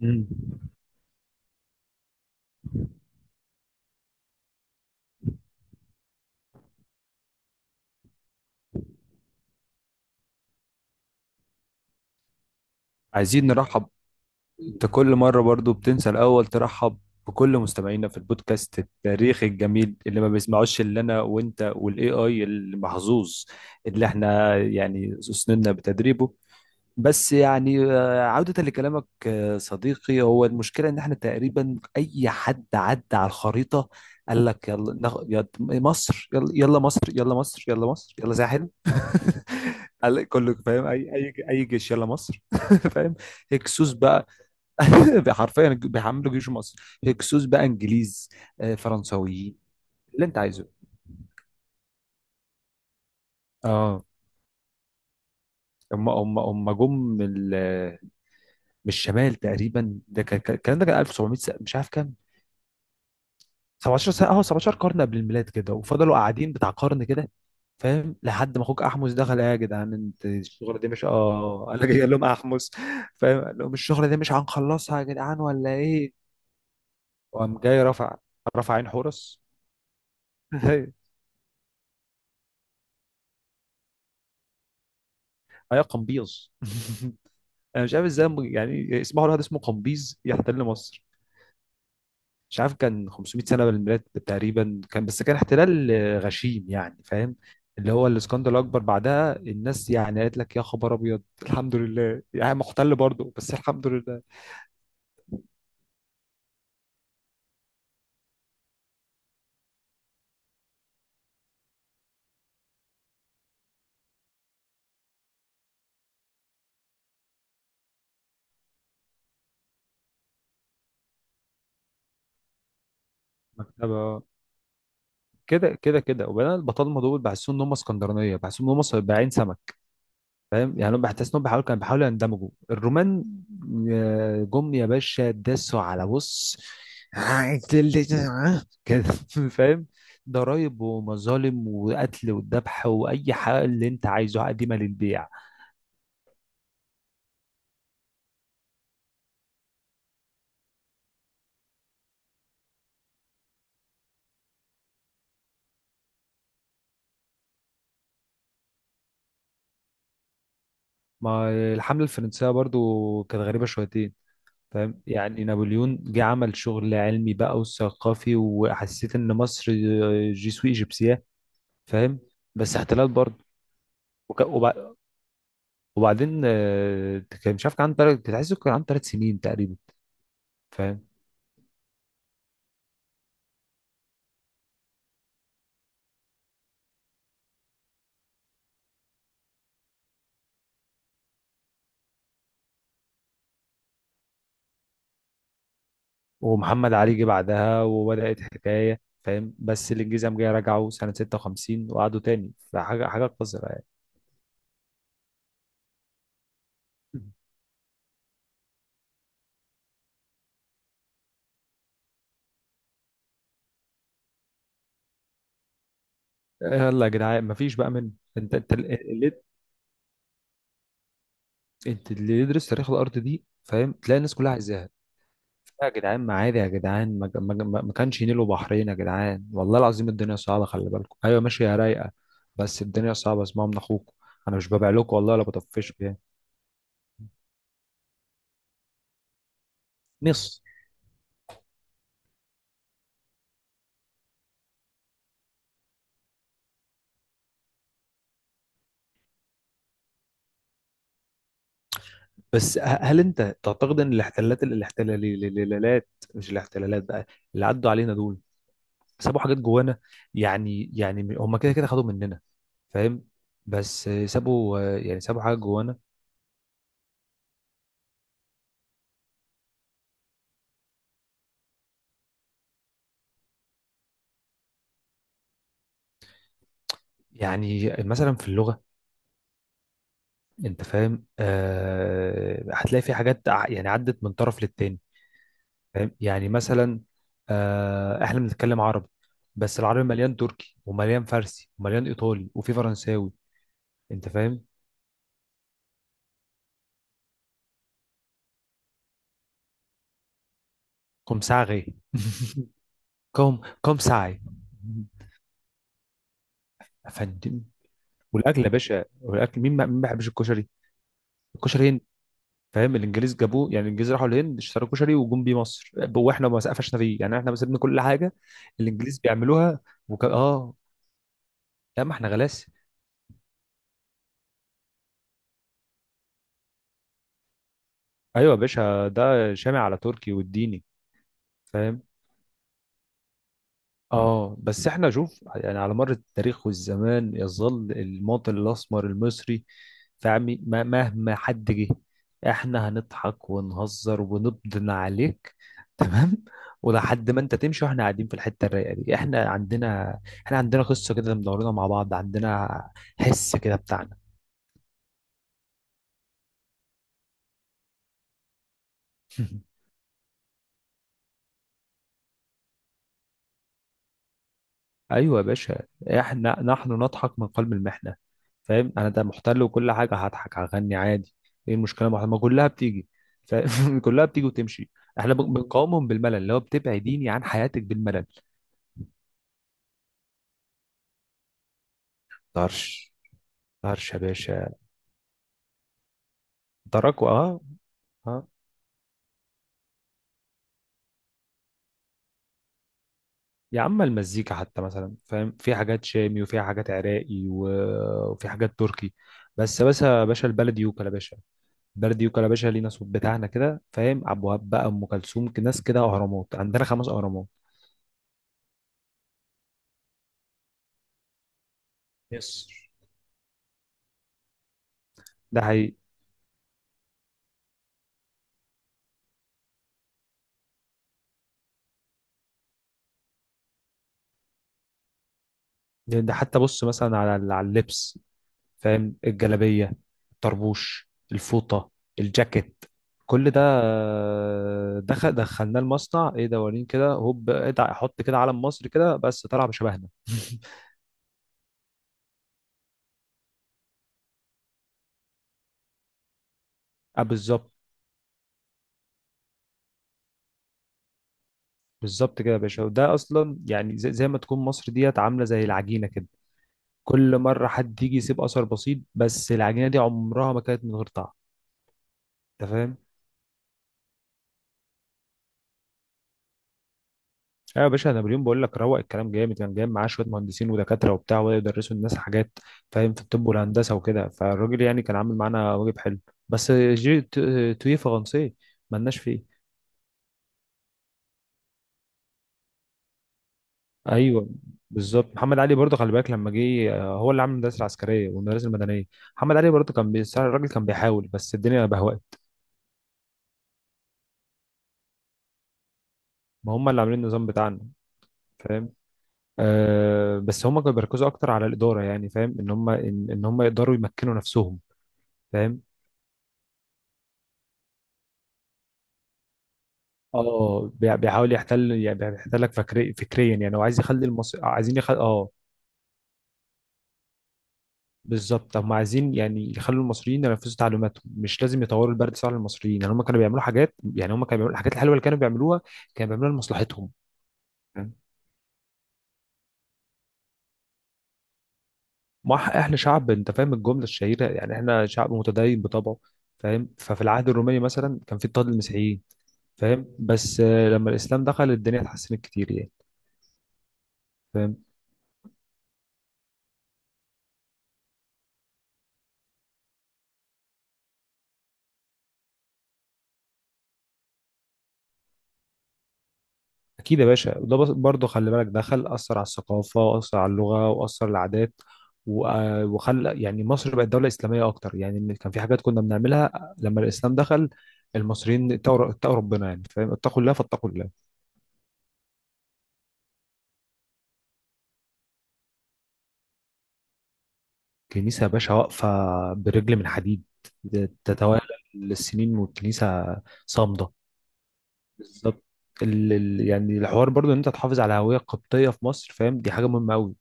مم. عايزين نرحب، انت كل مرة برضو بتنسى الأول ترحب بكل مستمعينا في البودكاست التاريخي الجميل اللي ما بيسمعوش إلا أنا وأنت والاي اي المحظوظ اللي احنا يعني سننا بتدريبه. بس يعني عودة لكلامك، صديقي، هو المشكلة إن احنا تقريبا أي حد عدى على الخريطة قال لك يلا مصر، يلا يلا مصر، يلا مصر، يلا مصر، يلا ساحل. قال كله فاهم، اي اي اي جيش يلا مصر فاهم. هكسوس بقى حرفيا بيحملوا جيش مصر، هكسوس بقى انجليز، فرنساويين اللي انت عايزه. اه، هم جم من من الشمال تقريبا. ده الكلام ده كان 1700 مش عارف كام، 17 سنه، اه 17 قرن قبل الميلاد كده، وفضلوا قاعدين بتاع قرن كده. فاهم، لحد ما اخوك احمس دخل: إيه يا جدعان، انت الشغله دي مش، اه انا جاي. قال لهم احمس، فاهم، قال لهم الشغله دي مش هنخلصها يا جدعان ولا ايه. وقام جاي رفع، رفع عين حورس ايوه، قمبيز انا مش عارف ازاي يعني اسمه، الواحد اسمه قمبيز يحتل مصر؟ مش عارف، كان 500 سنه من الميلاد تقريبا كان، بس كان احتلال غشيم يعني، فاهم. اللي هو الاسكندر الاكبر بعدها، الناس يعني قالت لك يا خبر ابيض، الحمد لله يعني محتل برضه بس الحمد لله. مكتبه كده كده كده، وبعدين البطالمه دول بحسهم ان هم اسكندرانيه، بحسهم ان هم صباعين سمك، فاهم يعني. هم بحس انهم بيحاولوا، كانوا بيحاولوا يندمجوا. الرومان جم يا باشا داسوا على بص كده، فاهم، ضرايب ومظالم وقتل والذبح واي حاجه اللي انت عايزه، قديمه للبيع. ما الحمله الفرنسيه برضو كانت غريبه شويتين، فاهم يعني، نابليون جه عمل شغل علمي بقى وثقافي، وحسيت ان مصر جي سوي ايجيبسياه، فاهم، بس احتلال برضه. وبعدين كان، مش عارف كان عنده كنت عايزه، كان عنده ثلاث سنين تقريبا، فاهم. ومحمد علي جه بعدها وبدأت حكاية، فاهم، بس الانجليزي قام جاي رجعوا سنة 56 وقعدوا تاني، فحاجة حاجة قذرة يعني. يلا يا جدعان مفيش بقى منه. انت اللي، انت اللي يدرس تاريخ الارض دي فاهم، تلاقي الناس كلها عايزاها. يا جدعان ما عادي، يا جدعان، ما كانش نيل وبحرين يا جدعان، والله العظيم الدنيا صعبة، خلي بالكم. ايوه ماشي يا رايقة. بس الدنيا صعبة، اسمعوا من اخوكم، انا مش ببيع لكم والله ولا بطفشكم يعني. مصر. بس هل انت تعتقد ان الاحتلالات، الاحتلالات، مش الاحتلالات بقى، اللي عدوا علينا دول سابوا حاجات جوانا؟ يعني يعني هم كده كده خدوا مننا فاهم، بس سابوا، يعني سابوا حاجات جوانا. يعني مثلا في اللغة. انت فاهم، آه هتلاقي في حاجات يعني عدت من طرف للتاني، فاهم، يعني مثلا، آه احنا بنتكلم عربي بس العربي مليان تركي ومليان فارسي ومليان ايطالي وفي فرنساوي، انت فاهم. كوم ساغي كوم ساي. يا فندم. والاكل يا باشا، والاكل مين ما بيحبش الكشري؟ الكشري هند، فاهم، الانجليز جابوه، يعني الانجليز راحوا الهند اشتروا كشري وجم بيه مصر، واحنا ما سقفشنا فيه، يعني احنا سيبنا كل حاجه الانجليز بيعملوها. اه، لا ما احنا غلاسه. ايوه يا باشا، ده شامع على تركي والديني، فاهم. اه، بس احنا شوف يعني، على مر التاريخ والزمان يظل المواطن الاسمر المصري، فاهمي، مهما حد جه احنا هنضحك ونهزر ونبدن عليك، تمام؟ ولحد ما انت تمشي واحنا قاعدين في الحته الرايقه دي. احنا عندنا قصه كده مدورينها مع بعض، عندنا حس كده بتاعنا ايوه يا باشا، احنا نحن نضحك من قلب المحنه، فاهم، انا ده محتل وكل حاجه، هضحك هغني عادي، ايه المشكله؟ ما كلها بتيجي، فاهم كلها بتيجي وتمشي. احنا بنقاومهم بالملل، اللي هو بتبعديني عن حياتك بالملل. طرش، طرش يا باشا، دركوا اه. اه يا عم المزيكا حتى مثلا، فاهم، في حاجات شامي وفي حاجات عراقي وفي حاجات تركي. بس يا باشا، البلد يوكل يا باشا، بردي وكلباشا، لينا صوت بتاعنا كده فاهم، عبد الوهاب بقى، ام كلثوم، ناس كده، اهرامات عندنا خمس اهرامات. يس، ده حقيقي. ده حتى بص مثلا على، على اللبس، فاهم، الجلابيه، الطربوش، الفوطه، الجاكيت، كل ده دخل، دخلناه المصنع، ايه دورين كده هوب ادع حط كده علم مصر كده، بس طلع بشبهنا اه بالظبط. بالظبط كده يا باشا، وده اصلا يعني زي ما تكون مصر ديت عامله زي العجينه كده، كل مره حد يجي يسيب اثر بسيط، بس العجينه دي عمرها ما كانت من غير طعم، انت فاهم. ايوه يا باشا، نابليون، بقول لك روق، الكلام جامد، كان جايب معاه شويه مهندسين ودكاتره وبتاع، وبداوا يدرسوا الناس حاجات، فاهم، في الطب والهندسه وكده، فالراجل يعني كان عامل معانا واجب حلو، بس جي تويه فرنسي، مالناش فيه. ايوه بالظبط، محمد علي برضه خلي بالك لما جه، هو اللي عامل المدارس العسكريه والمدارس المدنيه. محمد علي برضه كان بيساعد، الراجل كان بيحاول، بس الدنيا بهوأت. ما هم اللي عاملين النظام بتاعنا، فاهم. آه بس هم كانوا بيركزوا اكتر على الاداره، يعني فاهم، ان هم إن هم يقدروا يمكنوا نفسهم، فاهم. اه بيحاول يحتل يعني، بيحتلك فكري، فكريا يعني، هو عايز يخلي المصري، عايزين اه. بالظبط، هم عايزين يعني يخلوا المصريين ينفذوا تعليماتهم، مش لازم يطوروا البرد الصعب للمصريين. يعني هم كانوا بيعملوا حاجات، يعني هم كانوا بيعملوا الحاجات الحلوه اللي كانوا بيعملوها، كانوا بيعملوها لمصلحتهم، فاهم؟ ما احنا شعب، انت فاهم الجمله الشهيره، يعني احنا شعب متدين بطبعه، فاهم. ففي العهد الروماني مثلا كان في اضطهاد للمسيحيين، فاهم، بس لما الاسلام دخل الدنيا اتحسنت كتير يعني، فاهم. اكيد يا باشا، وده برضه خلي بالك، دخل اثر على الثقافه، واثر على اللغه، واثر على العادات، وخلى يعني مصر بقت دوله اسلاميه اكتر، يعني إن كان في حاجات كنا بنعملها. لما الاسلام دخل، المصريين اتقوا ربنا يعني، فاهم، اتقوا الله فاتقوا الله. الكنيسه يا باشا واقفه برجل من حديد، تتوالى السنين والكنيسه صامده. بالظبط، يعني الحوار برضو ان انت تحافظ على هويه قبطيه في مصر، فاهم، دي حاجه مهمه قوي.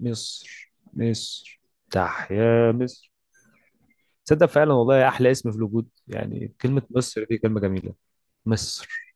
مصر، مصر. تح يا مصر. تصدق فعلا، والله احلى اسم في الوجود يعني، كلمة مصر دي كلمة جميلة. مصر.